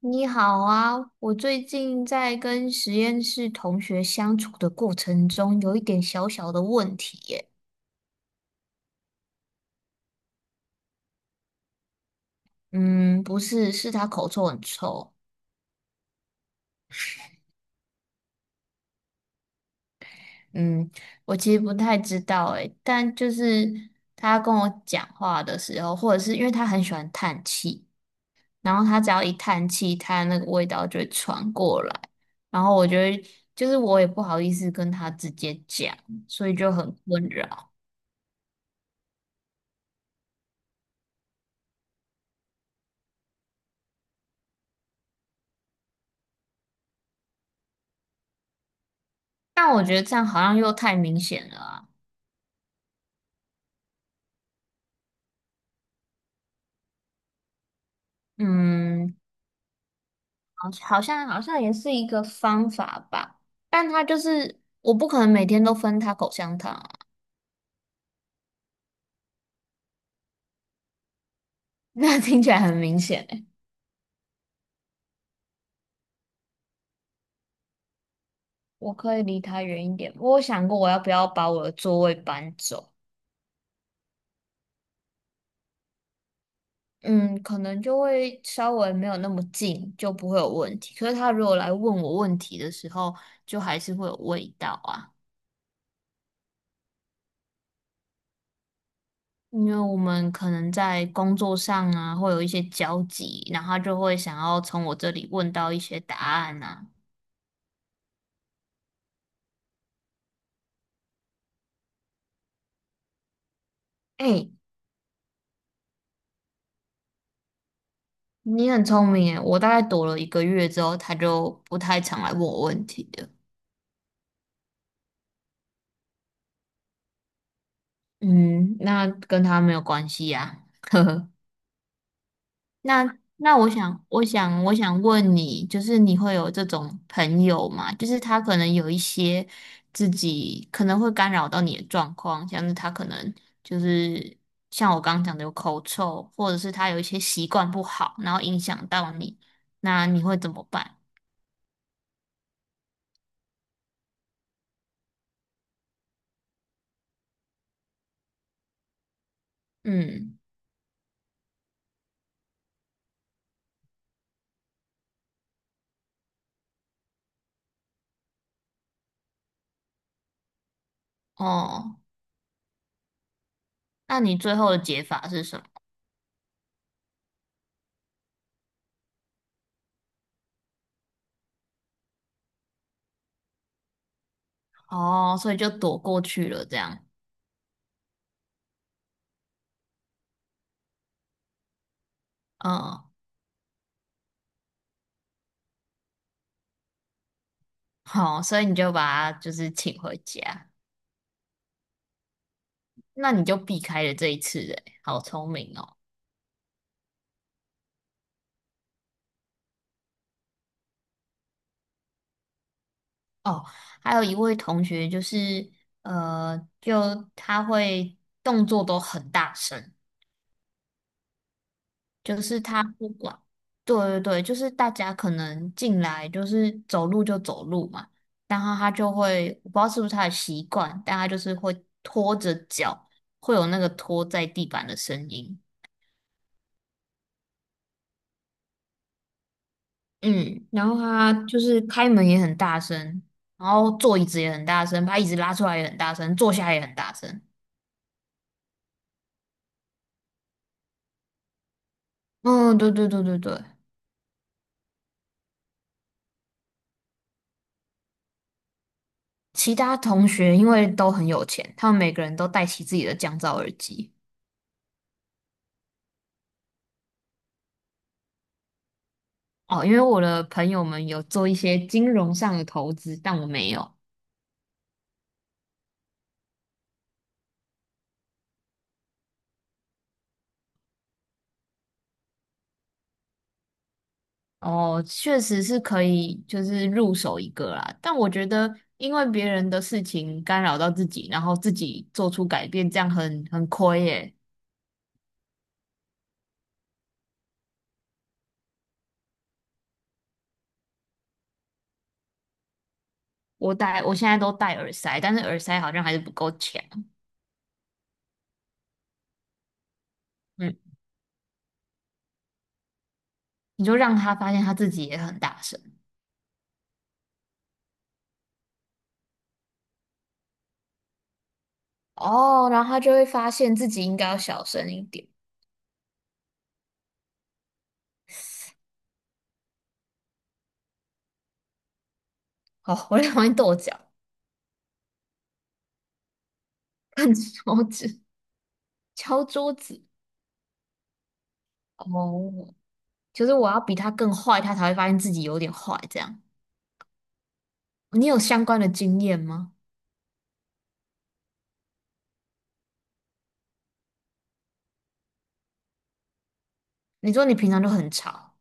你好啊，我最近在跟实验室同学相处的过程中，有一点小小的问题耶。嗯，不是，是他口臭很臭。嗯，我其实不太知道诶，但就是他跟我讲话的时候，或者是因为他很喜欢叹气，然后他只要一叹气，他那个味道就会传过来，然后我就会，就是我也不好意思跟他直接讲，所以就很困扰。但我觉得这样好像又太明显了啊。嗯，好，好像也是一个方法吧，但他就是我不可能每天都分他口香糖啊，那听起来很明显诶。我可以离他远一点，我有想过我要不要把我的座位搬走，嗯，可能就会稍微没有那么近，就不会有问题。可是他如果来问我问题的时候，就还是会有味道啊，因为我们可能在工作上啊会有一些交集，然后他就会想要从我这里问到一些答案啊。哎。你很聪明耶，我大概躲了一个月之后，他就不太常来问我问题的。嗯，那跟他没有关系呀。那我想问你，就是你会有这种朋友吗？就是他可能有一些自己可能会干扰到你的状况，像是他可能就是像我刚刚讲的有口臭，或者是他有一些习惯不好，然后影响到你，那你会怎么办？嗯，哦，那你最后的解法是什么？哦，所以就躲过去了，这样，嗯，好，所以你就把他就是请回家，那你就避开了这一次，诶，好聪明哦。哦，还有一位同学就是，就他会动作都很大声，就是他不管，对对对，就是大家可能进来就是走路就走路嘛，然后他就会，我不知道是不是他的习惯，但他就是会拖着脚，会有那个拖在地板的声音。嗯，然后他就是开门也很大声，然后坐椅子也很大声，把椅子拉出来也很大声，坐下也很大声。嗯，对对对对对。其他同学因为都很有钱，他们每个人都戴起自己的降噪耳机。哦，因为我的朋友们有做一些金融上的投资，但我没有。哦，确实是可以，就是入手一个啦。但我觉得，因为别人的事情干扰到自己，然后自己做出改变，这样很亏耶。我现在都戴耳塞，但是耳塞好像还是不够强。嗯，你就让他发现他自己也很大声哦，然后他就会发现自己应该要小声一点。哦，我在旁边跺脚、看手指、敲桌子。哦，就是我要比他更坏，他才会发现自己有点坏。这样，你有相关的经验吗？你说你平常就很吵，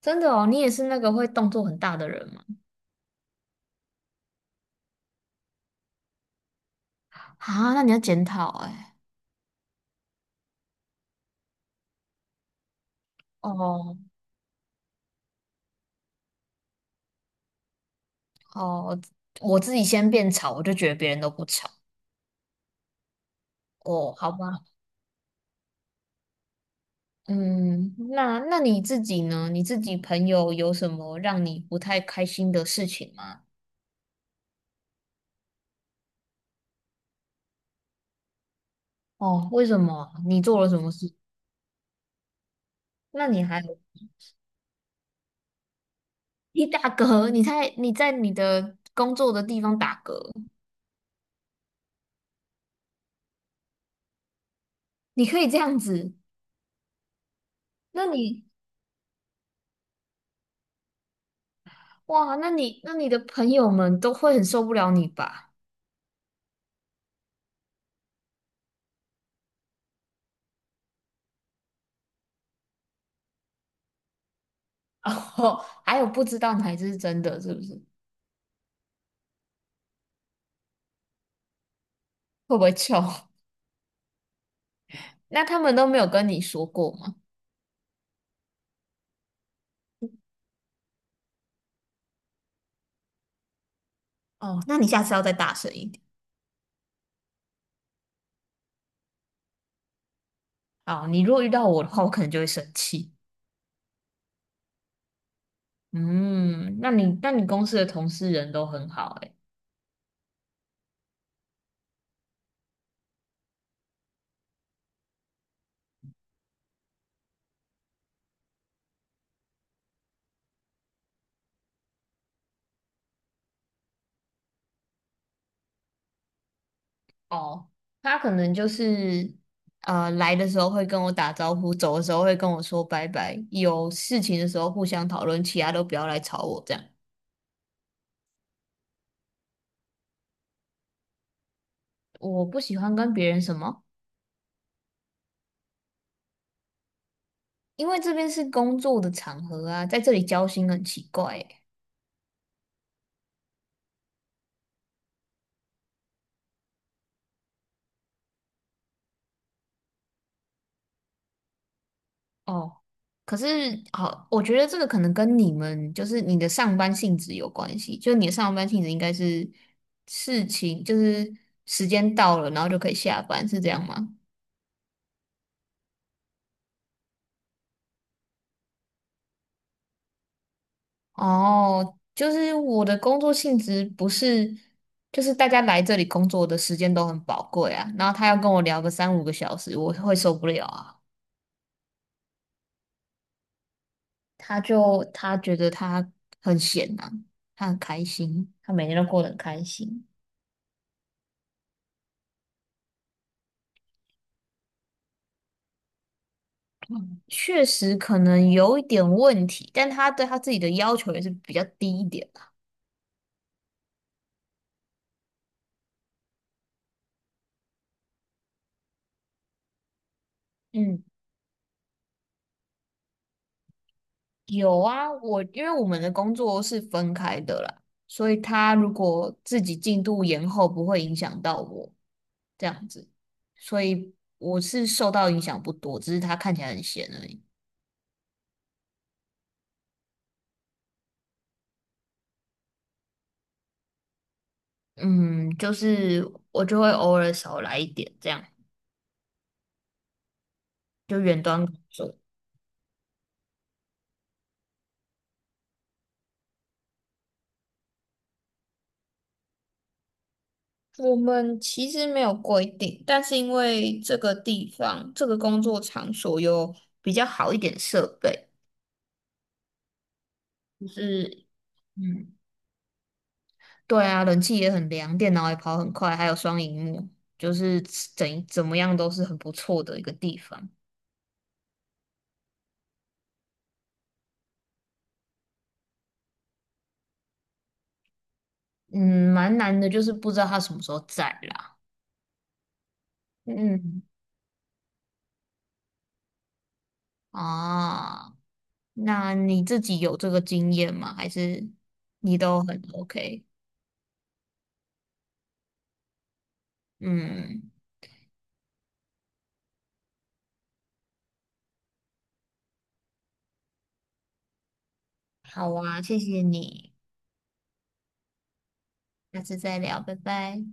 真的哦，你也是那个会动作很大的人吗？啊，那你要检讨哎。哦哦，我自己先变吵，我就觉得别人都不吵。哦，好吧，嗯，那你自己呢？你自己朋友有什么让你不太开心的事情吗？哦，为什么？你做了什么事？那你还有你打嗝？你在你的工作的地方打嗝，你可以这样子？那你哇，那你的朋友们都会很受不了你吧？哦，还有不知道哪一只是真的，是不是？会不会臭？那他们都没有跟你说过吗？哦，那你下次要再大声一点。好，你如果遇到我的话，我可能就会生气。嗯，那你公司的同事人都很好诶。哦，他可能就是来的时候会跟我打招呼，走的时候会跟我说拜拜，有事情的时候互相讨论，其他都不要来吵我这样。我不喜欢跟别人什么，因为这边是工作的场合啊，在这里交心很奇怪欸。哦，可是好，我觉得这个可能跟你们就是你的上班性质有关系，就你的上班性质应该是事情，就是时间到了，然后就可以下班，是这样吗？哦，就是我的工作性质不是，就是大家来这里工作的时间都很宝贵啊，然后他要跟我聊个三五个小时，我会受不了啊。他觉得他很闲啊，他很开心，他每天都过得很开心。嗯，确实可能有一点问题，但他对他自己的要求也是比较低一点啦。嗯，有啊，因为我们的工作是分开的啦，所以他如果自己进度延后，不会影响到我这样子，所以我是受到影响不多，只是他看起来很闲而已。嗯，就是我就会偶尔少来一点，这样就远端工作。我们其实没有规定，但是因为这个地方、这个工作场所有比较好一点设备，就是嗯，对啊，冷气也很凉，电脑也跑很快，还有双荧幕，就是怎么样都是很不错的一个地方。嗯，蛮难的，就是不知道他什么时候在啦。嗯啊，那你自己有这个经验吗？还是你都很 OK？嗯，好啊，谢谢你。下次再聊，拜拜。